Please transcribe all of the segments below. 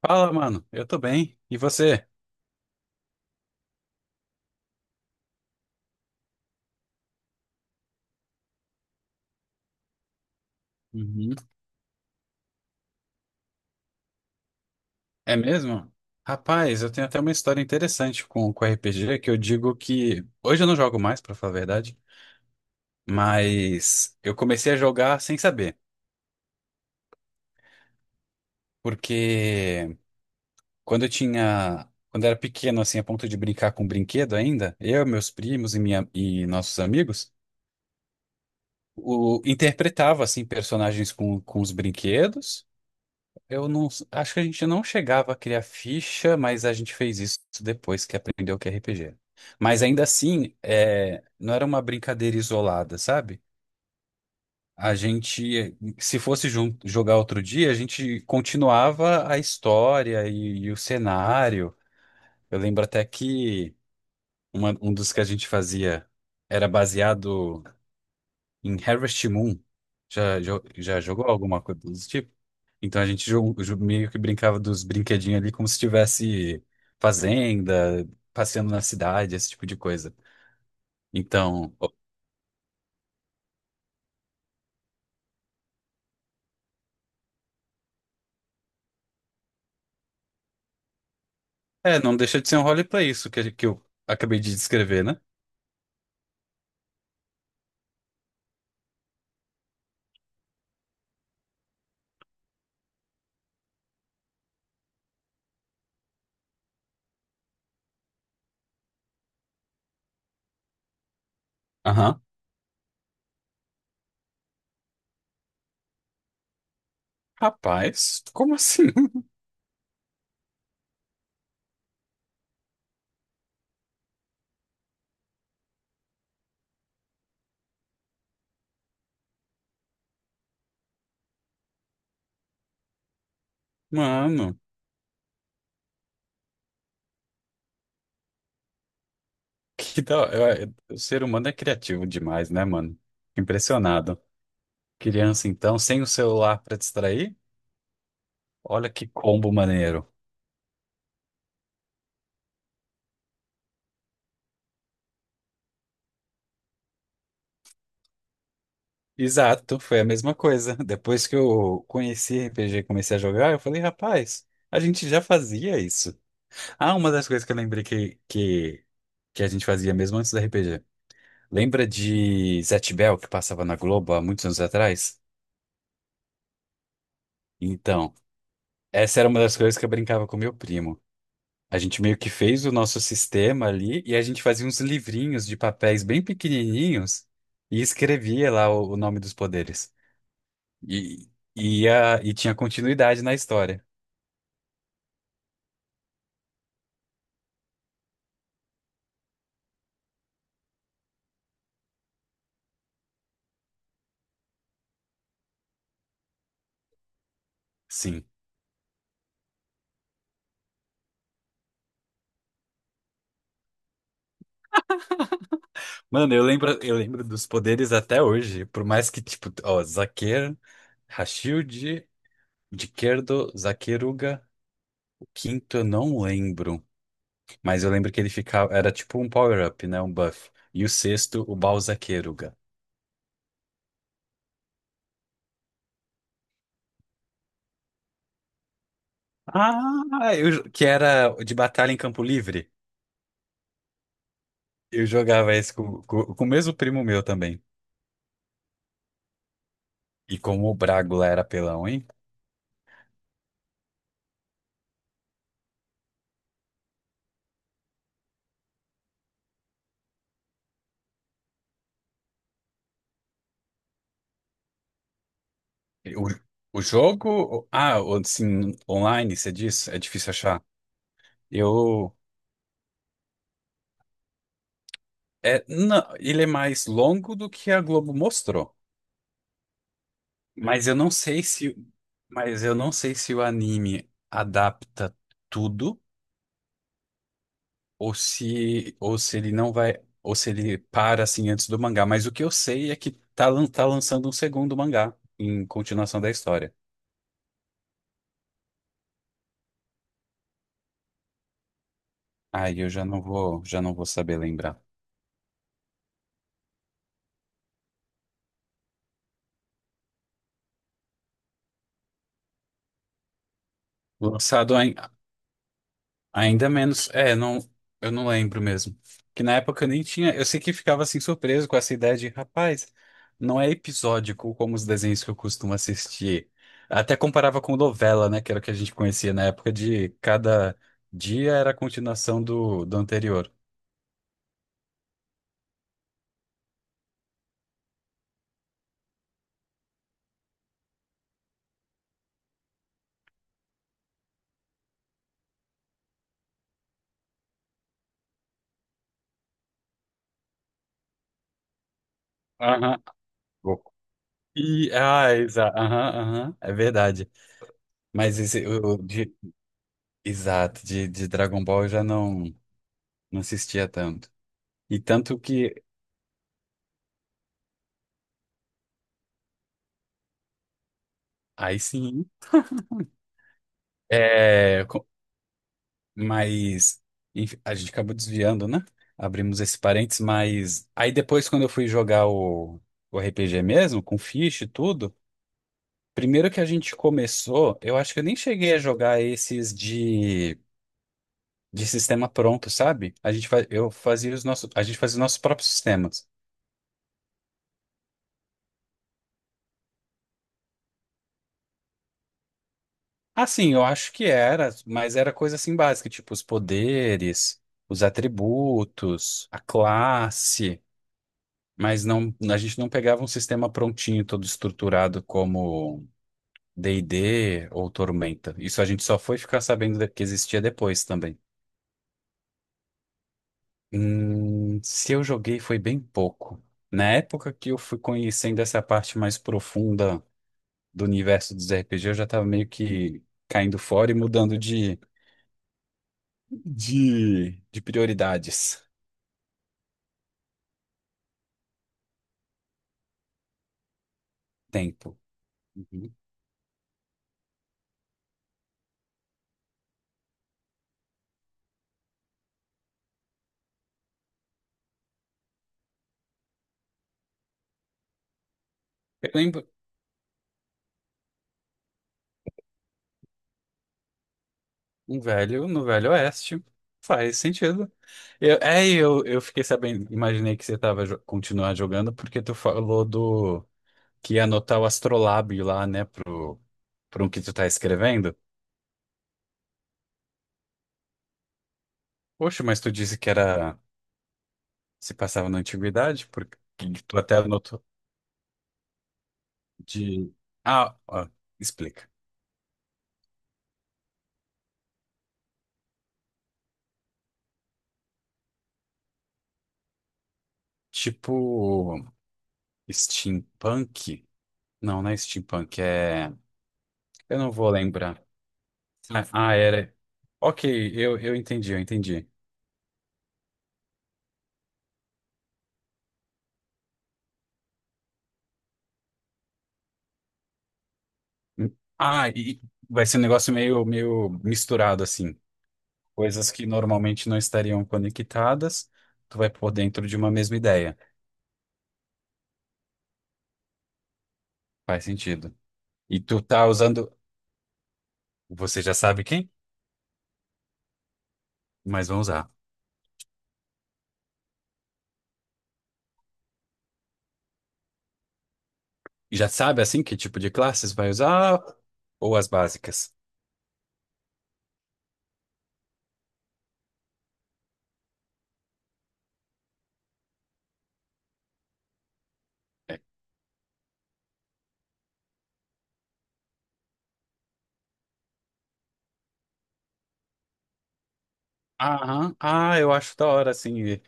Fala, mano. Eu tô bem. E você? Uhum. É mesmo? Rapaz, eu tenho até uma história interessante com RPG que eu digo que hoje eu não jogo mais, pra falar a verdade, mas eu comecei a jogar sem saber, porque quando eu era pequeno, assim, a ponto de brincar com brinquedo ainda, eu, meus primos e minha e nossos amigos, o interpretava assim personagens com os brinquedos. Eu não, acho que a gente não chegava a criar ficha, mas a gente fez isso depois que aprendeu o que é RPG. Mas ainda assim, é, não era uma brincadeira isolada, sabe? A gente, se fosse jogar outro dia, a gente continuava a história e o cenário. Eu lembro até que um dos que a gente fazia era baseado em Harvest Moon. Já jogou alguma coisa desse tipo? Então a gente meio que brincava dos brinquedinhos ali como se estivesse fazenda, passeando na cidade, esse tipo de coisa. Então, é, não deixa de ser um roleplay isso que eu acabei de descrever, né? Aham. Rapaz, como assim? Mano, que da... eu- o ser humano é criativo demais, né, mano? Impressionado. Criança, então, sem o celular pra distrair? Olha que combo maneiro. Exato, foi a mesma coisa. Depois que eu conheci RPG e comecei a jogar, eu falei, rapaz, a gente já fazia isso. Ah, uma das coisas que eu lembrei que a gente fazia mesmo antes do RPG. Lembra de Zet Bell, que passava na Globo há muitos anos atrás? Então, essa era uma das coisas que eu brincava com meu primo. A gente meio que fez o nosso sistema ali e a gente fazia uns livrinhos de papéis bem pequenininhos e escrevia lá o nome dos poderes. E, e tinha continuidade na história. Sim. Mano, eu lembro dos poderes até hoje. Por mais que, tipo, ó, Zaquer, Rashid, Diquerdo, Zaqueruga, o quinto eu não lembro. Mas eu lembro que ele ficava, era tipo um power-up, né? Um buff. E o sexto, o Balzaqueruga. Ah, que era de batalha em campo livre. Eu jogava esse com o mesmo primo meu também. E como o Bragula era pelão, hein? O, o jogo. Ah, assim, online, você diz? É difícil achar. Eu. É, não, ele é mais longo do que a Globo mostrou. Mas eu não sei se. Mas eu não sei se o anime adapta tudo ou se ele não vai. Ou se ele para assim antes do mangá. Mas o que eu sei é que tá lançando um segundo mangá em continuação da história. Aí eu já não vou saber lembrar. Lançado ai- Ainda menos. É, não, eu não lembro mesmo. Que na época eu nem tinha. Eu sei que ficava assim surpreso com essa ideia de, rapaz, não é episódico como os desenhos que eu costumo assistir. Até comparava com novela, né? Que era o que a gente conhecia na época de cada dia era a continuação do anterior. Aham. Goku. E, ah, exato. Aham, aham. É verdade. Mas esse, o de, exato, de Dragon Ball eu já não assistia tanto. E tanto que, aí sim, é. Mas enfim, a gente acabou desviando, né? Abrimos esse parênteses, mas aí depois, quando eu fui jogar o RPG mesmo, com ficha e tudo, primeiro que a gente começou, eu acho que eu nem cheguei a jogar esses de sistema pronto, sabe? Eu fazia os nossos, a gente fazia os nossos próprios sistemas. Assim, eu acho que era, mas era coisa assim básica, tipo os poderes, os atributos, a classe. Mas não, a gente não pegava um sistema prontinho, todo estruturado como D&D ou Tormenta. Isso a gente só foi ficar sabendo que existia depois também. Se eu joguei foi bem pouco. Na época que eu fui conhecendo essa parte mais profunda do universo dos RPG, eu já estava meio que caindo fora e mudando de prioridades. Tempo. Uhum. Eu lembro. Um velho no Velho Oeste. Faz sentido. Eu fiquei sabendo, imaginei que você tava jo continuar jogando, porque tu falou do que ia anotar o astrolábio lá, né, pro um que tu tá escrevendo. Poxa, mas tu disse que era, se passava na antiguidade, porque tu até anotou de... Ah, ó, explica. Tipo, steampunk? Não, não é steampunk, é... Eu não vou lembrar. Ah, ah, era... Ok, eu entendi, eu entendi. Ah, e vai ser um negócio meio, meio misturado, assim. Coisas que normalmente não estariam conectadas, tu vai pôr dentro de uma mesma ideia. Faz sentido. E tu tá usando, você já sabe quem, mas vão usar. E já sabe, assim, que tipo de classes vai usar ou as básicas? É. Aham. Ah, eu acho da hora, assim. E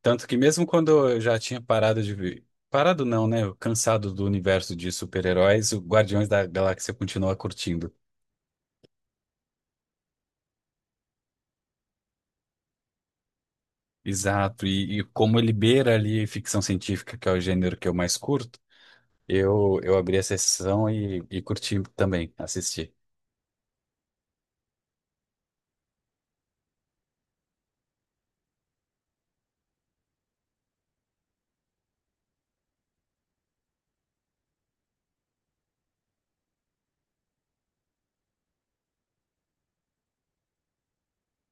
tanto que mesmo quando eu já tinha parado de ver, parado não, né? Eu, cansado do universo de super-heróis, o Guardiões da Galáxia continua curtindo. Exato, e como ele beira ali ficção científica, que é o gênero que eu mais curto, eu abri a sessão e curti também, assisti.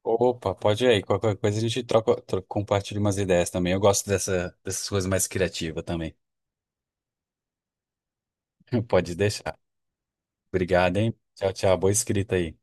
Opa, pode ir aí, qualquer coisa a gente troca, compartilha umas ideias também. Eu gosto dessas coisas mais criativas também. Pode deixar. Obrigado, hein? Tchau, tchau. Boa escrita aí.